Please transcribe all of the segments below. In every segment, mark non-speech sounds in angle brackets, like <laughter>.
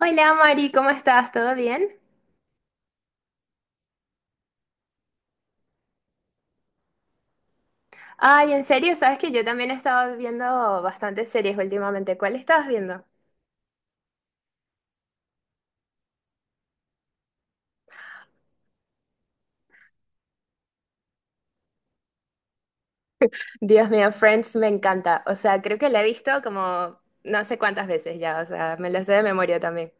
Hola Mari, ¿cómo estás? ¿Todo bien? Ay, en serio, sabes que yo también he estado viendo bastantes series últimamente. ¿Cuál estabas viendo? Dios mío, Friends me encanta. O sea, creo que la he visto como no sé cuántas veces ya. O sea, me la sé de memoria también.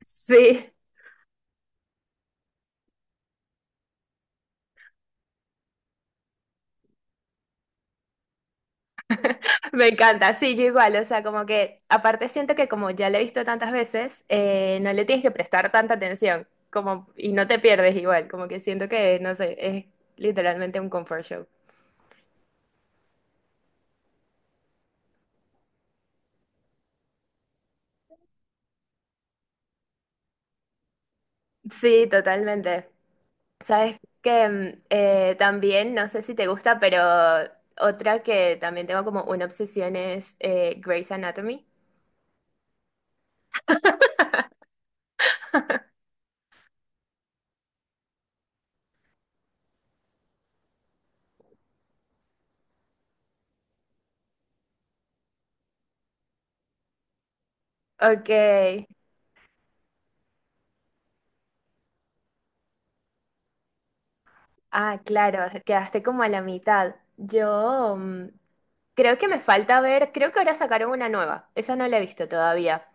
Sí, <laughs> me encanta. Sí, yo igual. O sea, como que aparte siento que como ya la he visto tantas veces, no le tienes que prestar tanta atención. Como, y no te pierdes igual. Como que siento que, no sé, es literalmente un comfort show. Sí, totalmente. Sabes que también, no sé si te gusta, pero otra que también tengo como una obsesión es Grey's Anatomy. Ok. Ah, claro, quedaste como a la mitad. Yo creo que me falta ver, creo que ahora sacaron una nueva, esa no la he visto todavía.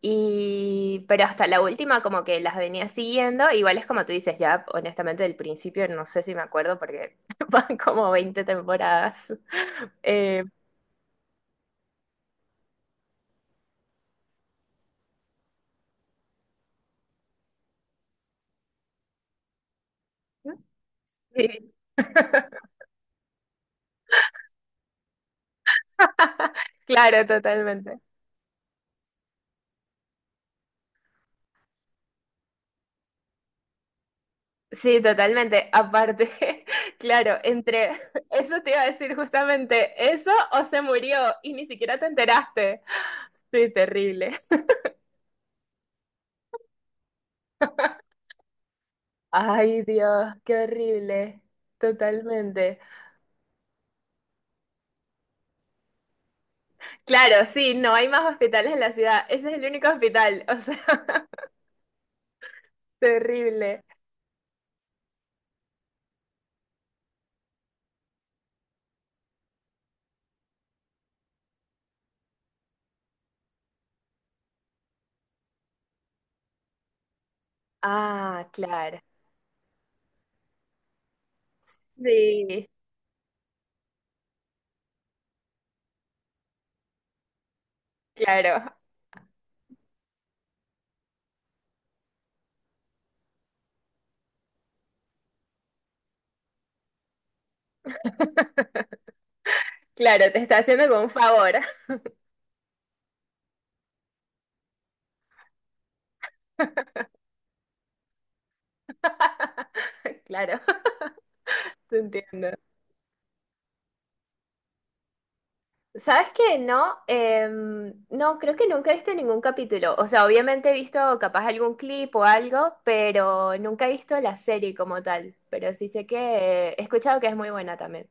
Y, pero hasta la última como que las venía siguiendo, igual es como tú dices, ya honestamente del principio no sé si me acuerdo porque <laughs> van como 20 temporadas. Eh, sí. <laughs> Claro, totalmente. Sí, totalmente. Aparte, <laughs> claro, entre <laughs> eso te iba a decir justamente eso o se murió y ni siquiera te enteraste. Sí, terrible. <laughs> Ay, Dios, qué horrible. Totalmente. Claro, sí, no hay más hospitales en la ciudad. Ese es el único hospital. O sea, <laughs> terrible. Ah, claro. Sí, claro. Claro, te está haciendo como un favor. <laughs> Claro, te entiendo. ¿Sabes qué? No, Em, no, creo que nunca he visto ningún capítulo. O sea, obviamente he visto capaz algún clip o algo, pero nunca he visto la serie como tal. Pero sí sé que he escuchado que es muy buena también.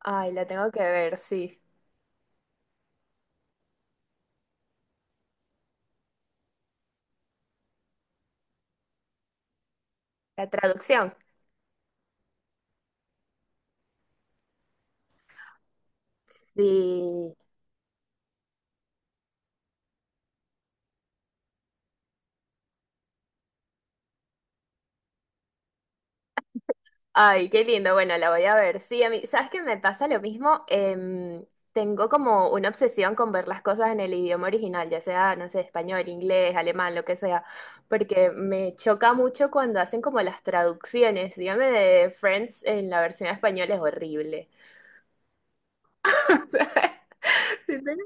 Ay, la tengo que ver, sí. La traducción. Sí. Ay, qué lindo. Bueno, la voy a ver. Sí, a mí, ¿sabes qué me pasa lo mismo? Em, tengo como una obsesión con ver las cosas en el idioma original, ya sea, no sé, español, inglés, alemán, lo que sea, porque me choca mucho cuando hacen como las traducciones. Dígame de Friends en la versión española es horrible. <laughs> O sea, sí,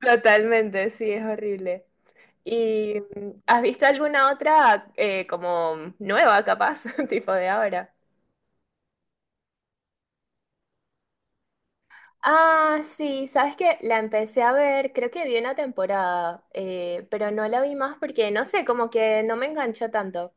totalmente, sí, es horrible. ¿Y has visto alguna otra como nueva, capaz, <laughs> tipo de ahora? Ah, sí, sabes que la empecé a ver, creo que vi una temporada, pero no la vi más porque no sé, como que no me enganchó tanto.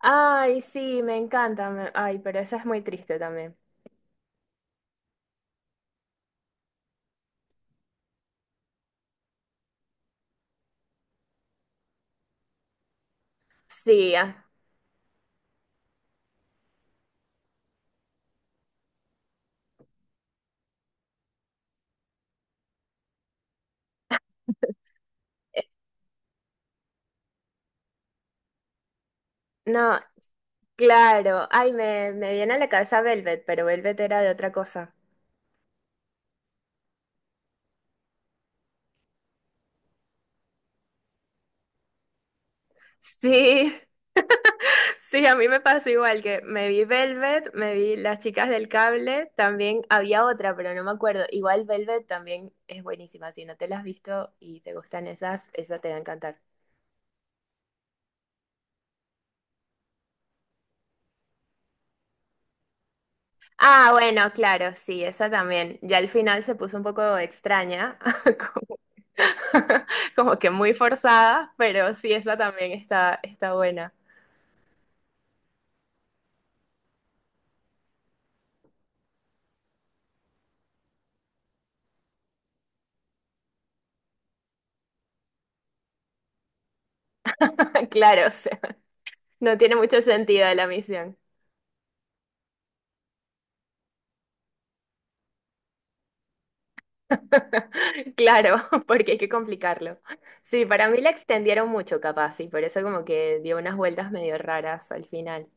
Ay, sí, me encanta, ay, pero esa es muy triste también. Sí, ah, eh, no, claro, ay, me viene a la cabeza Velvet, pero Velvet era de otra cosa. Sí, sí, a mí me pasó igual que me vi Velvet, me vi Las Chicas del Cable, también había otra, pero no me acuerdo. Igual Velvet también es buenísima, si no te la has visto y te gustan esas, esa te va a encantar. Ah, bueno, claro, sí, esa también. Ya al final se puso un poco extraña, <laughs> como, <laughs> como que muy forzada, pero sí, esa también está buena. <laughs> Claro, o sea, no tiene mucho sentido la misión. <laughs> Claro, <laughs> porque hay que complicarlo. Sí, para mí la extendieron mucho, capaz, y por eso como que dio unas vueltas medio raras al final.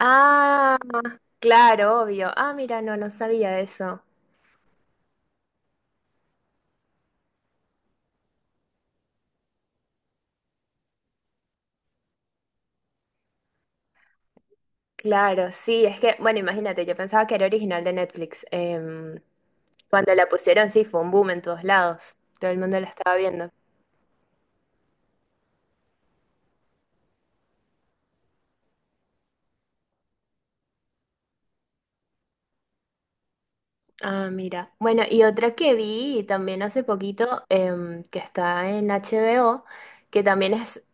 Ah, claro, obvio. Ah, mira, no, no sabía eso. Claro, sí, es que, bueno, imagínate, yo pensaba que era original de Netflix. Em, cuando la pusieron, sí, fue un boom en todos lados. Todo el mundo la estaba viendo. Ah, mira. Bueno, y otra que vi también hace poquito, em, que está en HBO, que también es,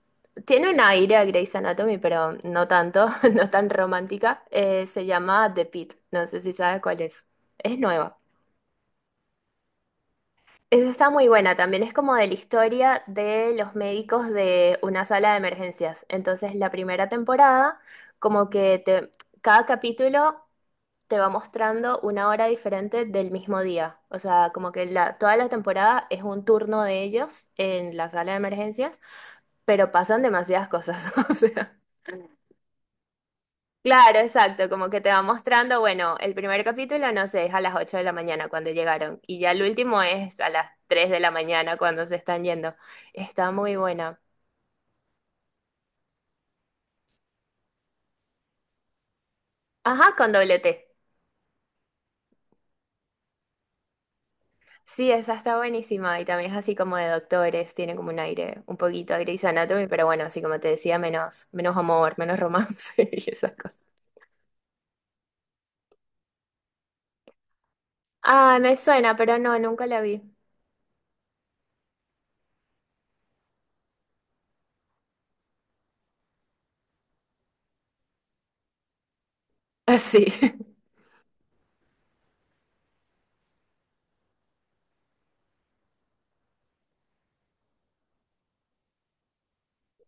tiene un aire a Grey's Anatomy, pero no tanto, <laughs> no tan romántica, se llama The Pitt. No sé si sabes cuál es. Es nueva. Esa está muy buena, también es como de la historia de los médicos de una sala de emergencias. Entonces, la primera temporada, como que cada capítulo te va mostrando una hora diferente del mismo día. O sea, como que toda la temporada es un turno de ellos en la sala de emergencias, pero pasan demasiadas cosas. <laughs> O sea. Claro, exacto, como que te va mostrando, bueno, el primer capítulo no sé, es a las 8 de la mañana cuando llegaron y ya el último es a las 3 de la mañana cuando se están yendo. Está muy buena. Ajá, con doble T. Sí, esa está buenísima y también es así como de doctores, tiene como un aire un poquito a Grey's Anatomy, pero bueno, así como te decía, menos, menos amor, menos romance <laughs> y esas cosas. Ah, me suena, pero no, nunca la vi. Ah, sí. <laughs>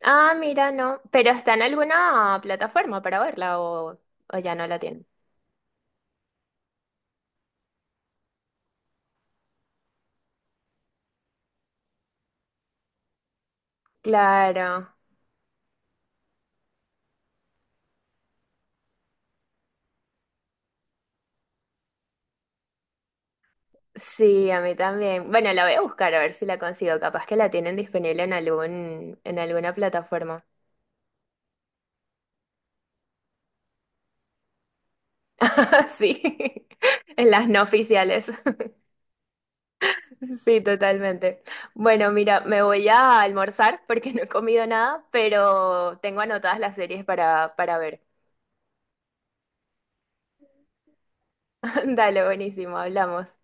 Ah, mira, no, pero está en alguna plataforma para verla o ya no la tiene. Claro, sí, a mí también. Bueno, la voy a buscar a ver si la consigo. Capaz que la tienen disponible en en alguna plataforma. <laughs> Sí, <laughs> en las no oficiales. <laughs> Sí, totalmente. Bueno, mira, me voy a almorzar porque no he comido nada, pero tengo anotadas las series para ver. <laughs> Dale, buenísimo, hablamos.